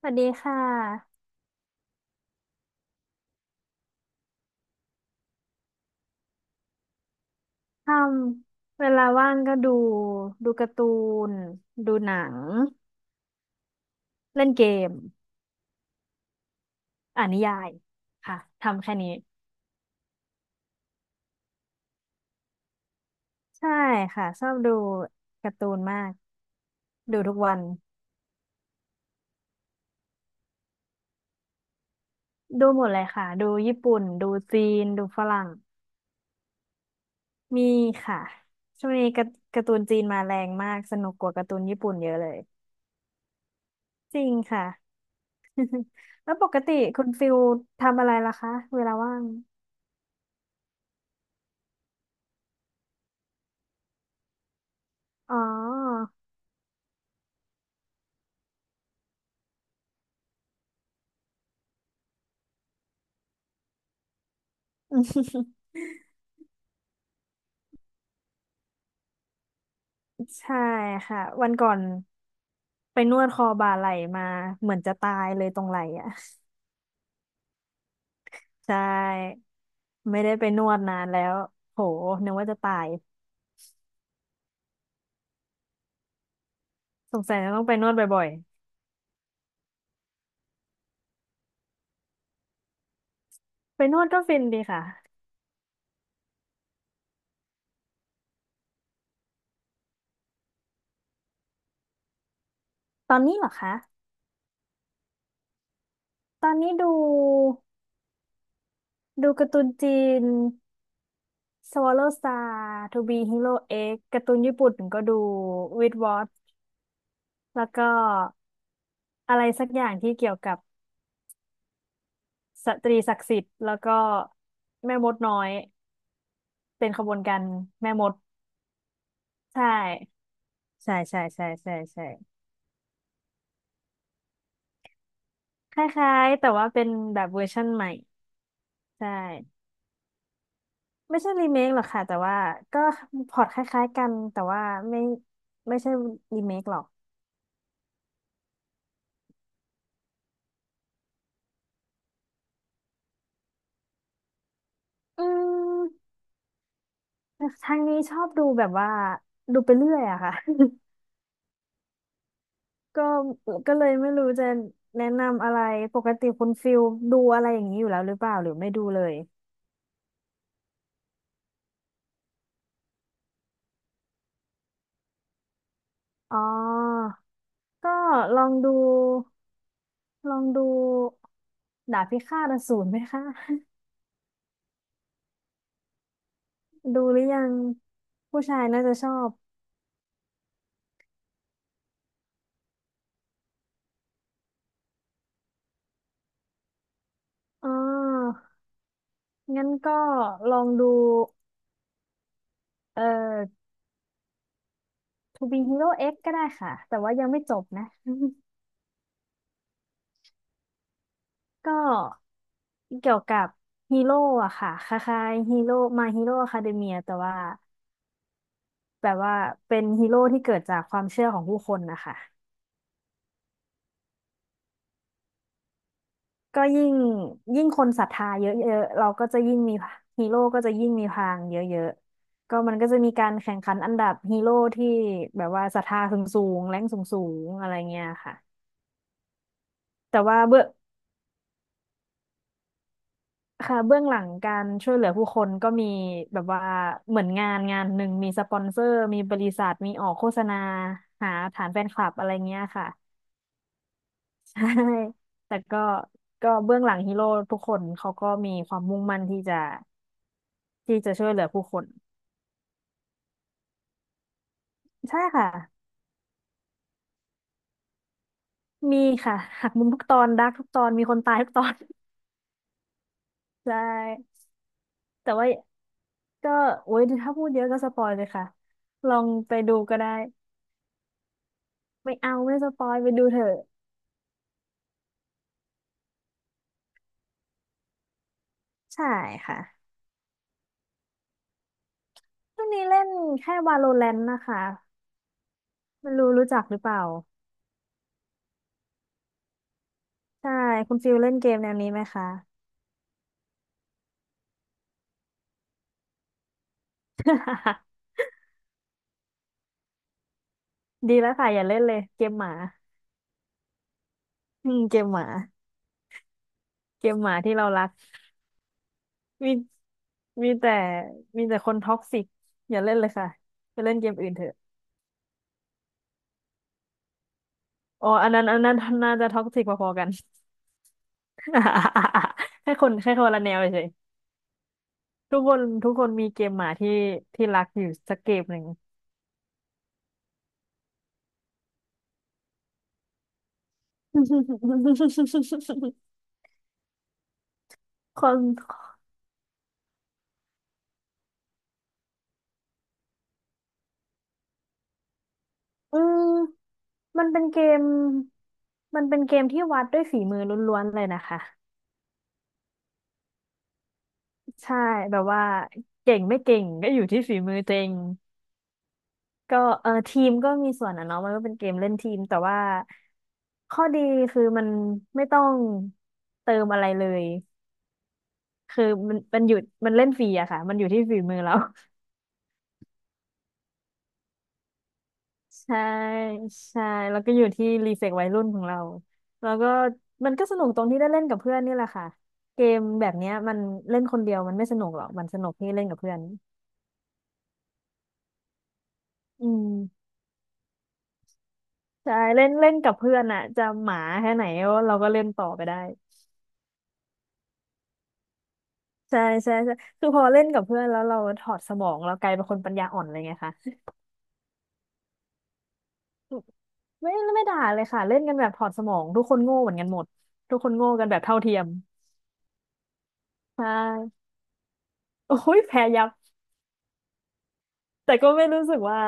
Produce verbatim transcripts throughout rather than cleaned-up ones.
สวัสดีค่ะทำเวลาว่างก็ดูดูการ์ตูนดูหนังเล่นเกมอ่านนิยายค่ะทำแค่นี้ใช่ค่ะชอบดูการ์ตูนมากดูทุกวันดูหมดเลยค่ะดูญี่ปุ่นดูจีนดูฝรั่งมีค่ะช่วงนี้การ์การ์ตูนจีนมาแรงมากสนุกกว่าการ์ตูนญี่ปุ่นเยอะเลยจริงค่ะ แล้วปกติคุณฟิลทำอะไรล่ะคะเวลาว่างอ๋อ ใช่ค่ะวันก่อนไปนวดคอบ่าไหล่มาเหมือนจะตายเลยตรงไหล่อ่ะ ใช่ไม่ได้ไปนวดนานแล้วโหนึกว่าจะตายสงสัยจะต้องไปนวดบ่อยๆไปนวดก็ฟินดีค่ะตอนนี้เหรอคะตอนนี้ดูดูการ์ตูนจีน Swallow Star To Be Hero X การ์ตูนญี่ปุ่นก็ดู With Watch แล้วก็อะไรสักอย่างที่เกี่ยวกับ สตรีศักดิ์สิทธิ์แล้วก็แม่มดน้อยเป็นขบวนการแม่มดใช่ใช่ใช่ใช่ใช่ใช่คล้ายๆแต่ว่าเป็นแบบเวอร์ชั่นใหม่ใช่ไม่ใช่รีเมคหรอกค่ะแต่ว่าก็พล็อตคล้ายๆกันแต่ว่าไม่ไม่ใช่รีเมคหรอกอืมทางนี้ชอบดูแบบว่าดูไปเรื่อยอะค่ะ ก็ก็เลยไม่รู้จะแนะนำอะไรปกติคุณฟิลดูอะไรอย่างนี้อยู่แล้วหรือเปล่าหรือไม่ดูเลย อ๋อ ก็ลองดูลองดูดาบพิฆาตอสูรไหมคะ ดูหรือยังผู้ชายน่าจะชอบอ๋องั้นก็ลองดูเอ่อ To Be Hero X ก็ได้ค่ะแต่ว่ายังไม่จบนะ ก็เกี่ยวกับฮีโร่อะค่ะคล้ายๆฮีโร่มาฮีโร่อะคาเดเมียแต่ว่าแบบว่าเป็นฮีโร่ที่เกิดจากความเชื่อของผู้คนนะคะ ก็ยิ่งยิ่งคนศรัทธาเยอะๆเราก็จะยิ่งมีฮีโร่ก็จะยิ่งมีพลังเยอะๆ ก็มันก็จะมีการแข่งขันอันดับฮีโร่ที่แบบว่าศรัทธาสูงๆแรงสูงๆอะไรเงี้ยค่ะแต่ว่าเบื้องค่ะเบื้องหลังการช่วยเหลือผู้คนก็มีแบบว่าเหมือนงานงานหนึ่งมีสปอนเซอร์มีบริษัทมีออกโฆษณาหาฐานแฟนคลับอะไรเงี้ยค่ะ ใช่แต่ก็ก็เบื้องหลังฮีโร่ทุกคนเขาก็มีความมุ่งมั่นที่จะที่จะช่วยเหลือผู้คน ใช่ค่ะมีค่ะหักมุมทุกตอนดาร์กทุกตอนมีคนตายทุกตอน ใช่แต่ว่าก็โอ้ยถ้าพูดเยอะก็สปอยเลยค่ะลองไปดูก็ได้ไม่เอาไม่สปอยไปดูเถอะใช่ค่ะช่วงนี้เล่นแค่ Valorant นะคะไม่รู้รู้จักหรือเปล่าใช่คุณฟิลเล่นเกมแนวนี้ไหมคะ ดีแล้วค่ะอย่าเล่นเลยเกมหมาอืมเกมหมาเกมหมาที่เรารักมีมีแต่มีแต่คนท็อกซิกอย่าเล่นเลยค่ะไปเล่นเกมอื่นเถอะ อ๋ออันนั้นอันนั้นน่าจะท็อกซิกพอๆกัน แค่คนแค่คนละแนวเฉยทุกคนทุกคนมีเกมหมาที่ที่รักอยู่สักเกมหนึ่ง คนอืมมันเป็นเกมมันเป็นเกมที่วัดด้วยฝีมือล้วนๆเลยนะคะใช่แบบว่าเก่งไม่เก่งก็อยู่ที่ฝีมือตัวเองก็เออทีมก็มีส่วนอ่ะเนาะมันก็เป็นเกมเล่นทีมแต่ว่าข้อดีคือมันไม่ต้องเติมอะไรเลย คือมันมันอยู่มันเล่นฟรีอะค่ะมันอยู่ที่ฝีมือเรา ใช่ใช่แล้วก็อยู่ที่รีเฟกวัยรุ่นของเราแล้วก็มันก็สนุกตรงที่ได้เล่นกับเพื่อนนี่แหละค่ะเกมแบบเนี้ยมันเล่นคนเดียวมันไม่สนุกหรอกมันสนุกที่เล่นกับเพื่อนอืมใช่เล่นเล่นกับเพื่อนอะจะหมาแค่ไหนเราก็เล่นต่อไปได้ใช่ใช่ใช่คือพอเล่นกับเพื่อนแล้วเราถอดสมองเรากลายเป็นคนปัญญาอ่อนเลยไงคะไม่ไม่ด่าเลยค่ะเล่นกันแบบถอดสมองทุกคนโง่เหมือนกันหมดทุกคนโง่กันแบบเท่าเทียม ใช่โอ้ยแพ้ยับแต่ก็ไม่รู้สึกว่า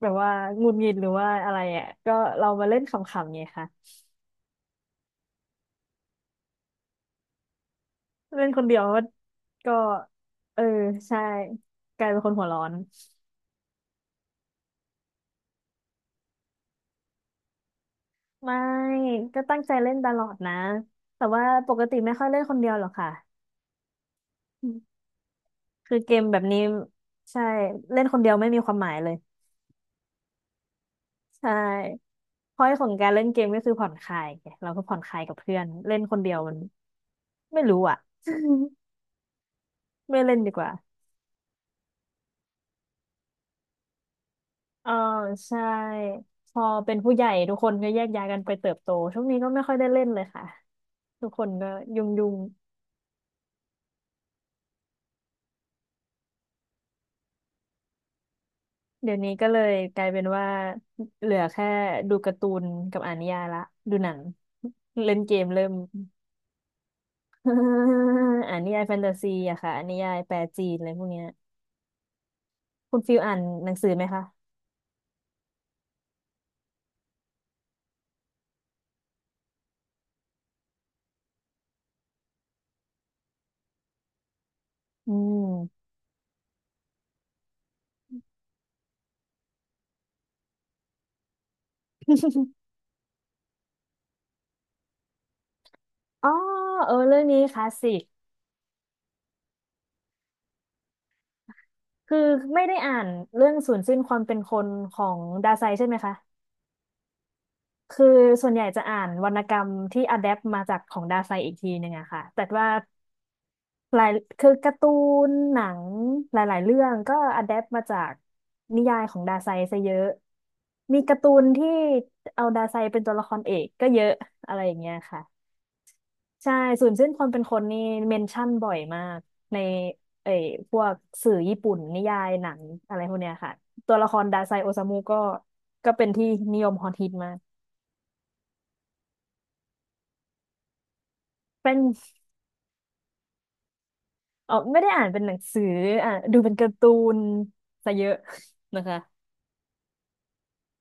แบบว่าหงุดหงิดหรือว่าอะไรอ่ะก็เรามาเล่นขำๆไงคะเล่นคนเดียวก็ก็เออใช่กลายเป็นคนหัวร้อนไม่ก็ตั้งใจเล่นตลอดนะ แต่ว่าปกติไม่ค่อยเล่นคนเดียวหรอกค่ะ คือเกมแบบนี้ใช่เล่นคนเดียวไม่มีความหมายเลยใช่เพราะของการเล่นเกมก็คือผ่อนคลายไงเราก็ผ่อนคลายกับเพื่อนเล่นคนเดียวมันไม่รู้อ่ะ ไม่เล่นดีกว่าเออใช่พอเป็นผู้ใหญ่ทุกคนก็แยกย้ายกันไปเติบโตช่วงนี้ก็ไม่ค่อยได้เล่นเลยค่ะทุกคนก็ยุ่งยุ่งเดี๋ยวนี้ก็เลยกลายเป็นว่าเหลือแค่ดูการ์ตูนกับอ่านนิยายละดูหนังเล่นเกมเริ่ม อ่านนิยายแฟนตาซีอะค่ะอ่านนิยายแปลจีนอะไรพวกเนี้ยคุณฟิลอ่านหนังสือไหมคะอืม อ๋อเออเรื่องนี้คลาสสิก คือไม่ได้อ่านเรื่องสูญสิ้นความเป็นคนของดาไซใช่ไหมคะ คือส่วนใหญ่จะอ่านวรรณกรรมที่อะแดปมาจากของดาไซอีกทีหนึ่งอะค่ะแต่ว่าหลายคือการ์ตูนหนังหลายๆเรื่องก็อะแดปมาจากนิยายของดาไซซะเยอะ มีการ์ตูนที่เอาดาไซเป็นตัวละครเอกก็เยอะอะไรอย่างเงี้ยค่ะ ใช่ศูนย์เส้นความเป็นคนนี่เมนชั่นบ่อยมากในเอ่ยพวกสื่อญี่ปุ่นนิยายหนังอะไรพวกเนี้ยค่ะตัวละครดาไซโอซามุก็ก็เป็นที่นิยมฮอตฮิตมาก เป็นเออไม่ได้อ่านเป็นหนังสืออ่ะดูเป็นการ์ตูนซะเยอะ นะคะ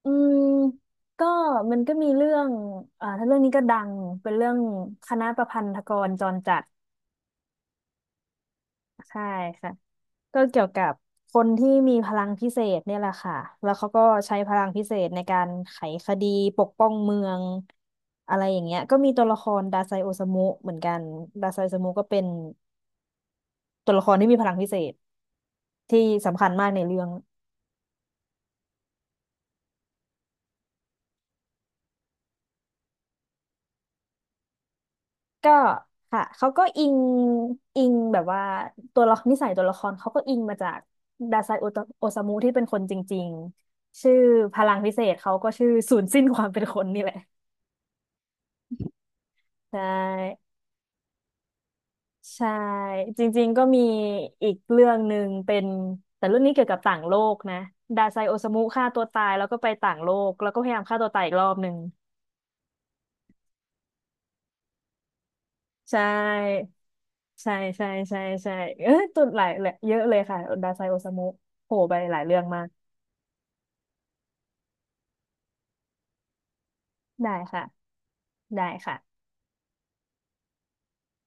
อืมก็มันก็มีเรื่องอ่าถ้าเรื่องนี้ก็ดังเป็นเรื่องคณะประพันธกรจรจัดใช่ค่ะ ก็เกี่ยวกับคนที่มีพลังพิเศษเนี่ยแหละค่ะแล้วเขาก็ใช้พลังพิเศษในการไขคดีปกป้องเมืองอะไรอย่างเงี้ยก็มีตัวละครดาไซโอซามุเหมือนกันดาไซโอซามุก็เป็นตัวละครที่มีพลังพิเศษที่สำคัญมากในเรื่องก็ค่ะ เขาก็อิงอิงแบบว่าตัวละครนิสัยตัวละครเขาก็อิงมาจากดาไซโอโอซามุที่เป็นคนจริงๆชื่อพลังพิเศษเขาก็ชื่อศูนย์สิ้นความเป็นคนนี่แหละใช่ ใช่จริงๆก็มีอีกเรื่องหนึ่งเป็นแต่เรื่องนี้เกี่ยวกับต่างโลกนะดาไซโอซามุฆ่าตัวตายแล้วก็ไปต่างโลกแล้วก็พยายามฆ่าตัวตายอีกรอบหนึ่งใช่ใช่ใช่ใช่ใช่เออตุดหลายเลยเยอะเลยค่ะดาไซโอซามุโผล่ไปหลายเรื่องมากได้ค่ะได้ค่ะ